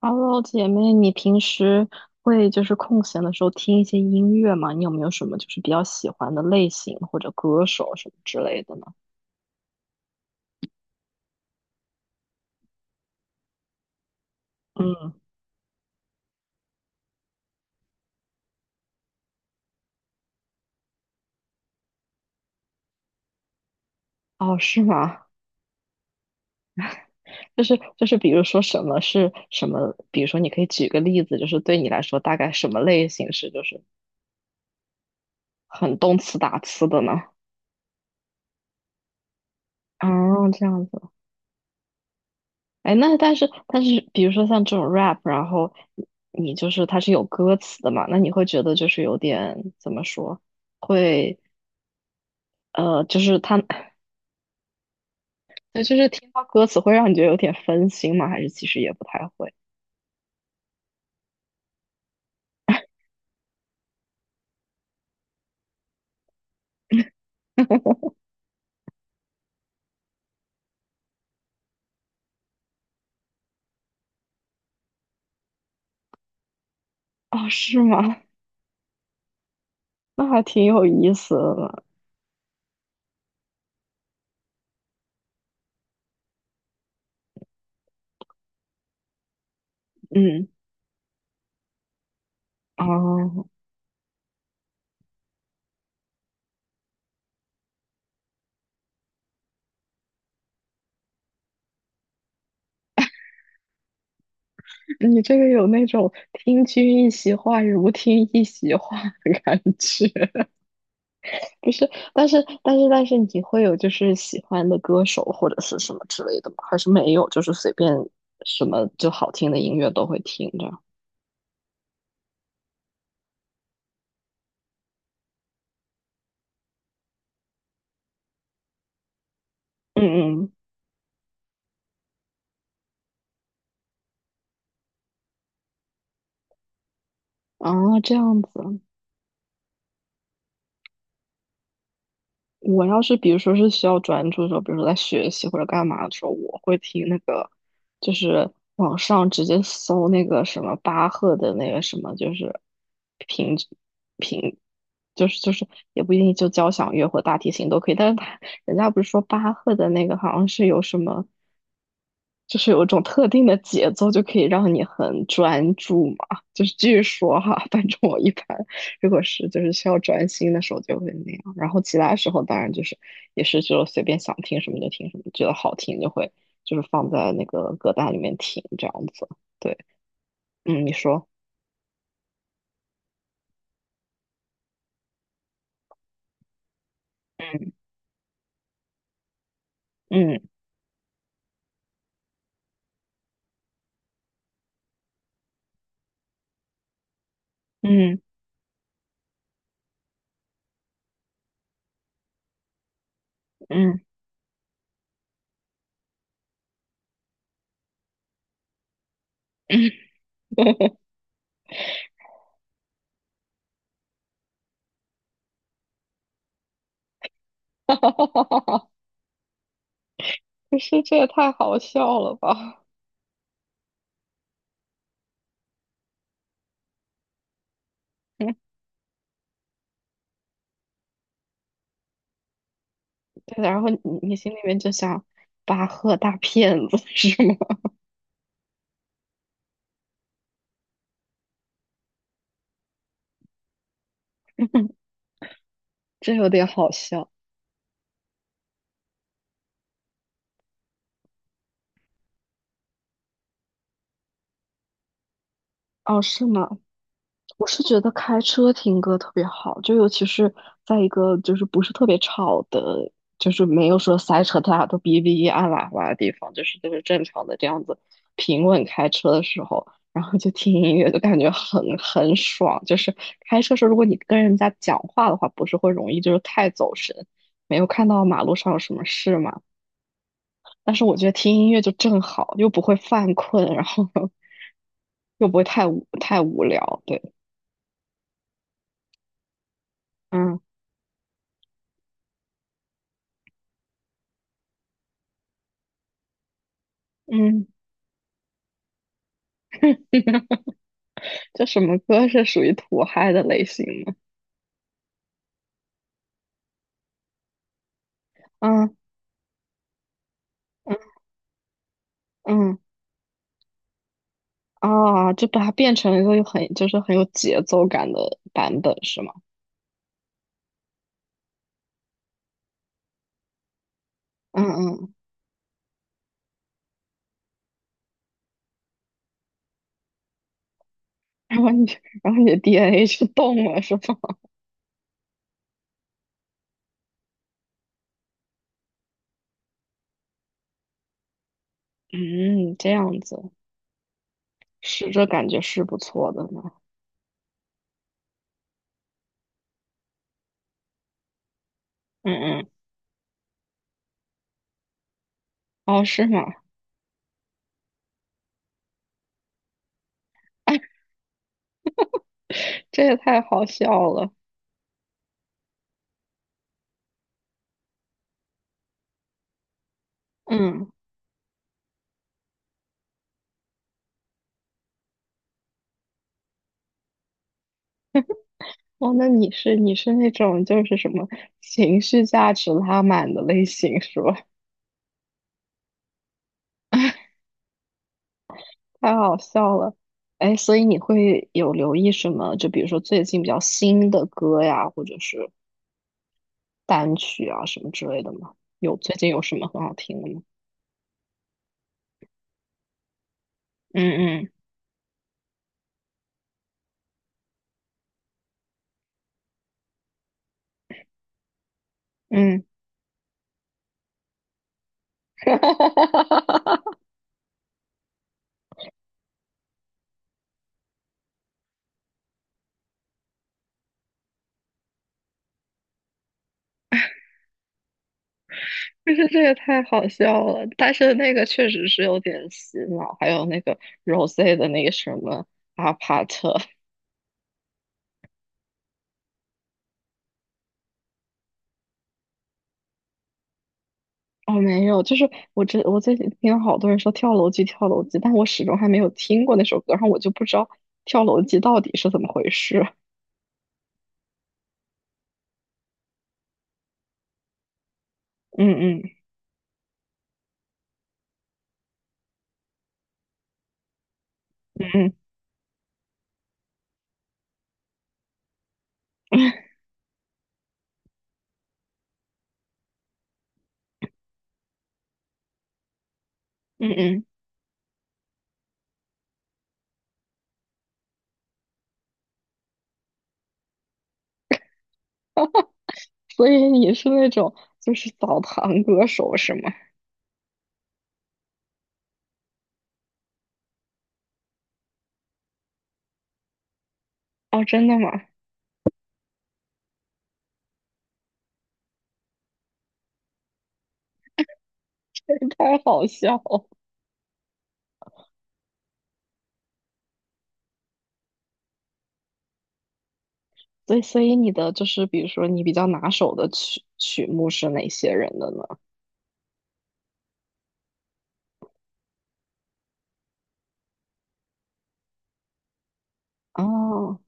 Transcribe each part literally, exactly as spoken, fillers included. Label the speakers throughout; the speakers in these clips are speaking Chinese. Speaker 1: Hello，姐妹，你平时会就是空闲的时候听一些音乐吗？你有没有什么就是比较喜欢的类型或者歌手什么之类的呢？嗯，哦，是吗？就是就是，比如说什么是什么？比如说，你可以举个例子，就是对你来说，大概什么类型是就是很动词打词的呢？哦，这样子。哎，那但是但是，比如说像这种 rap，然后你你就是它是有歌词的嘛，那你会觉得就是有点怎么说，会呃，就是他，对，就是听到歌词会让你觉得有点分心吗？还是其实也不太会？哦，是吗？那还挺有意思的。嗯，哦，你这个有那种听君一席话，如听一席话的感觉，不是？但是，但是，但是，你会有就是喜欢的歌手或者是什么之类的吗？还是没有？就是随便什么就好听的音乐都会听着。嗯嗯，啊，这样子。我要是比如说是需要专注的时候，比如说在学习或者干嘛的时候，我会听那个，就是网上直接搜那个什么巴赫的那个什么，就是平平，就是就是也不一定就交响乐或大提琴都可以，但是他人家不是说巴赫的那个好像是有什么，就是有一种特定的节奏就可以让你很专注嘛，就是据说哈，反正我一般。如果是就是需要专心的时候就会那样，然后其他时候当然就是也是就随便想听什么就听什么，觉得好听就会就是放在那个歌单里面听这样子。对，嗯，你说，嗯嗯嗯嗯，哈哈哈哈哈哈，不是这也太好笑了吧？嗯，对，然后你你心里面就想巴赫大骗子是吗？这有点好笑哦，是吗？我是觉得开车听歌特别好，就尤其是在一个就是不是特别吵的，就是没有说塞车，大家都哔哔按喇叭的地方，就是就是正常的这样子平稳开车的时候，然后就听音乐，就感觉很很爽。就是开车时候，如果你跟人家讲话的话，不是会容易就是太走神，没有看到马路上有什么事嘛。但是我觉得听音乐就正好，又不会犯困，然后 又不会太无太无聊。对，嗯嗯。这什么歌是属于土嗨的类型呢？嗯嗯嗯，啊，就把它变成了一个很就是很有节奏感的版本是吗？嗯嗯，然后你然后你的 D N A 就动了是吗？嗯，这样子是这感觉是不错的呢。嗯嗯，哦是吗？这也太好笑了。嗯，哦，那你是你是那种就是什么情绪价值拉满的类型是吧？太好笑了，哎，所以你会有留意什么？就比如说最近比较新的歌呀，或者是单曲啊什么之类的吗？有最近有什么很好听的吗？嗯嗯嗯，就是这个太好笑了，但是那个确实是有点洗脑，还有那个 Rose 的那个什么阿帕特，哦没有，就是我这我最近听好多人说跳楼机跳楼机，但我始终还没有听过那首歌，然后我就不知道跳楼机到底是怎么回事。嗯嗯嗯嗯嗯嗯，所以你是那种就是澡堂歌手是吗？哦，真的吗？太好笑了。对，所以你的就是比如说你比较拿手的曲曲目是哪些人的呢？哦，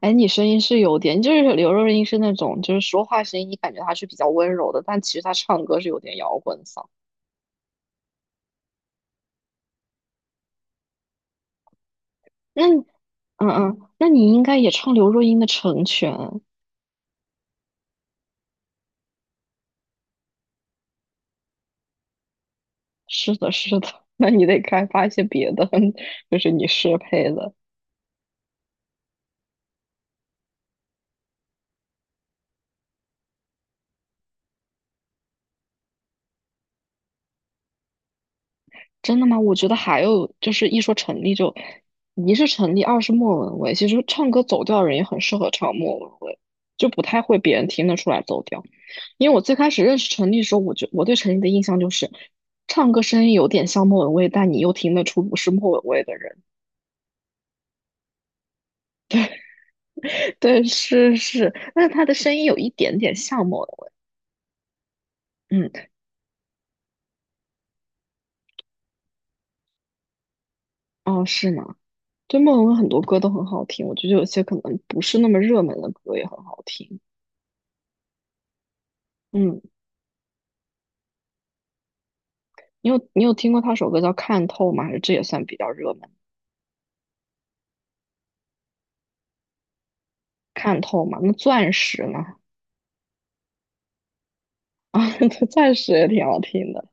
Speaker 1: 哎，你声音是有点，就是刘若英是那种就是说话声音，你感觉她是比较温柔的，但其实她唱歌是有点摇滚嗓。那你，嗯嗯，那你应该也唱刘若英的《成全》。是的，是的，那你得开发一些别的，就是你适配的。真的吗？我觉得还有就是一说陈粒就，一是陈粒，二是莫文蔚。其实唱歌走调的人也很适合唱莫文蔚，就不太会别人听得出来走调。因为我最开始认识陈粒的时候，我就我对陈粒的印象就是唱歌声音有点像莫文蔚，但你又听得出不是莫文蔚的人。对，是是，但是他的声音有一点点像莫文蔚。嗯，哦，是吗？对，莫文蔚很多歌都很好听，我觉得有些可能不是那么热门的歌也很好听。嗯。你有你有听过他首歌叫《看透》吗？还是这也算比较热门？看透嘛，那钻石呢？啊，钻石也挺好听的，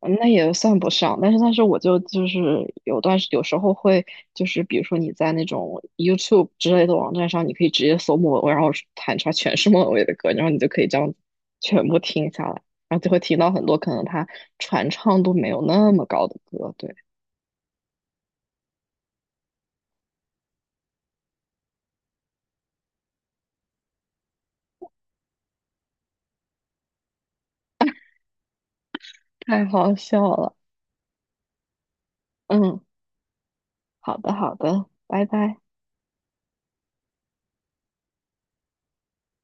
Speaker 1: 嗯那也算不上。但是，但是我就就是有段时有时候会就是比如说你在那种 YouTube 之类的网站上，你可以直接搜莫文蔚，然后弹出来全是莫文蔚的歌，然后你就可以这样全部听下来，然后就会听到很多可能他传唱度没有那么高的歌。对，太好笑了。嗯，好的，好的，拜拜。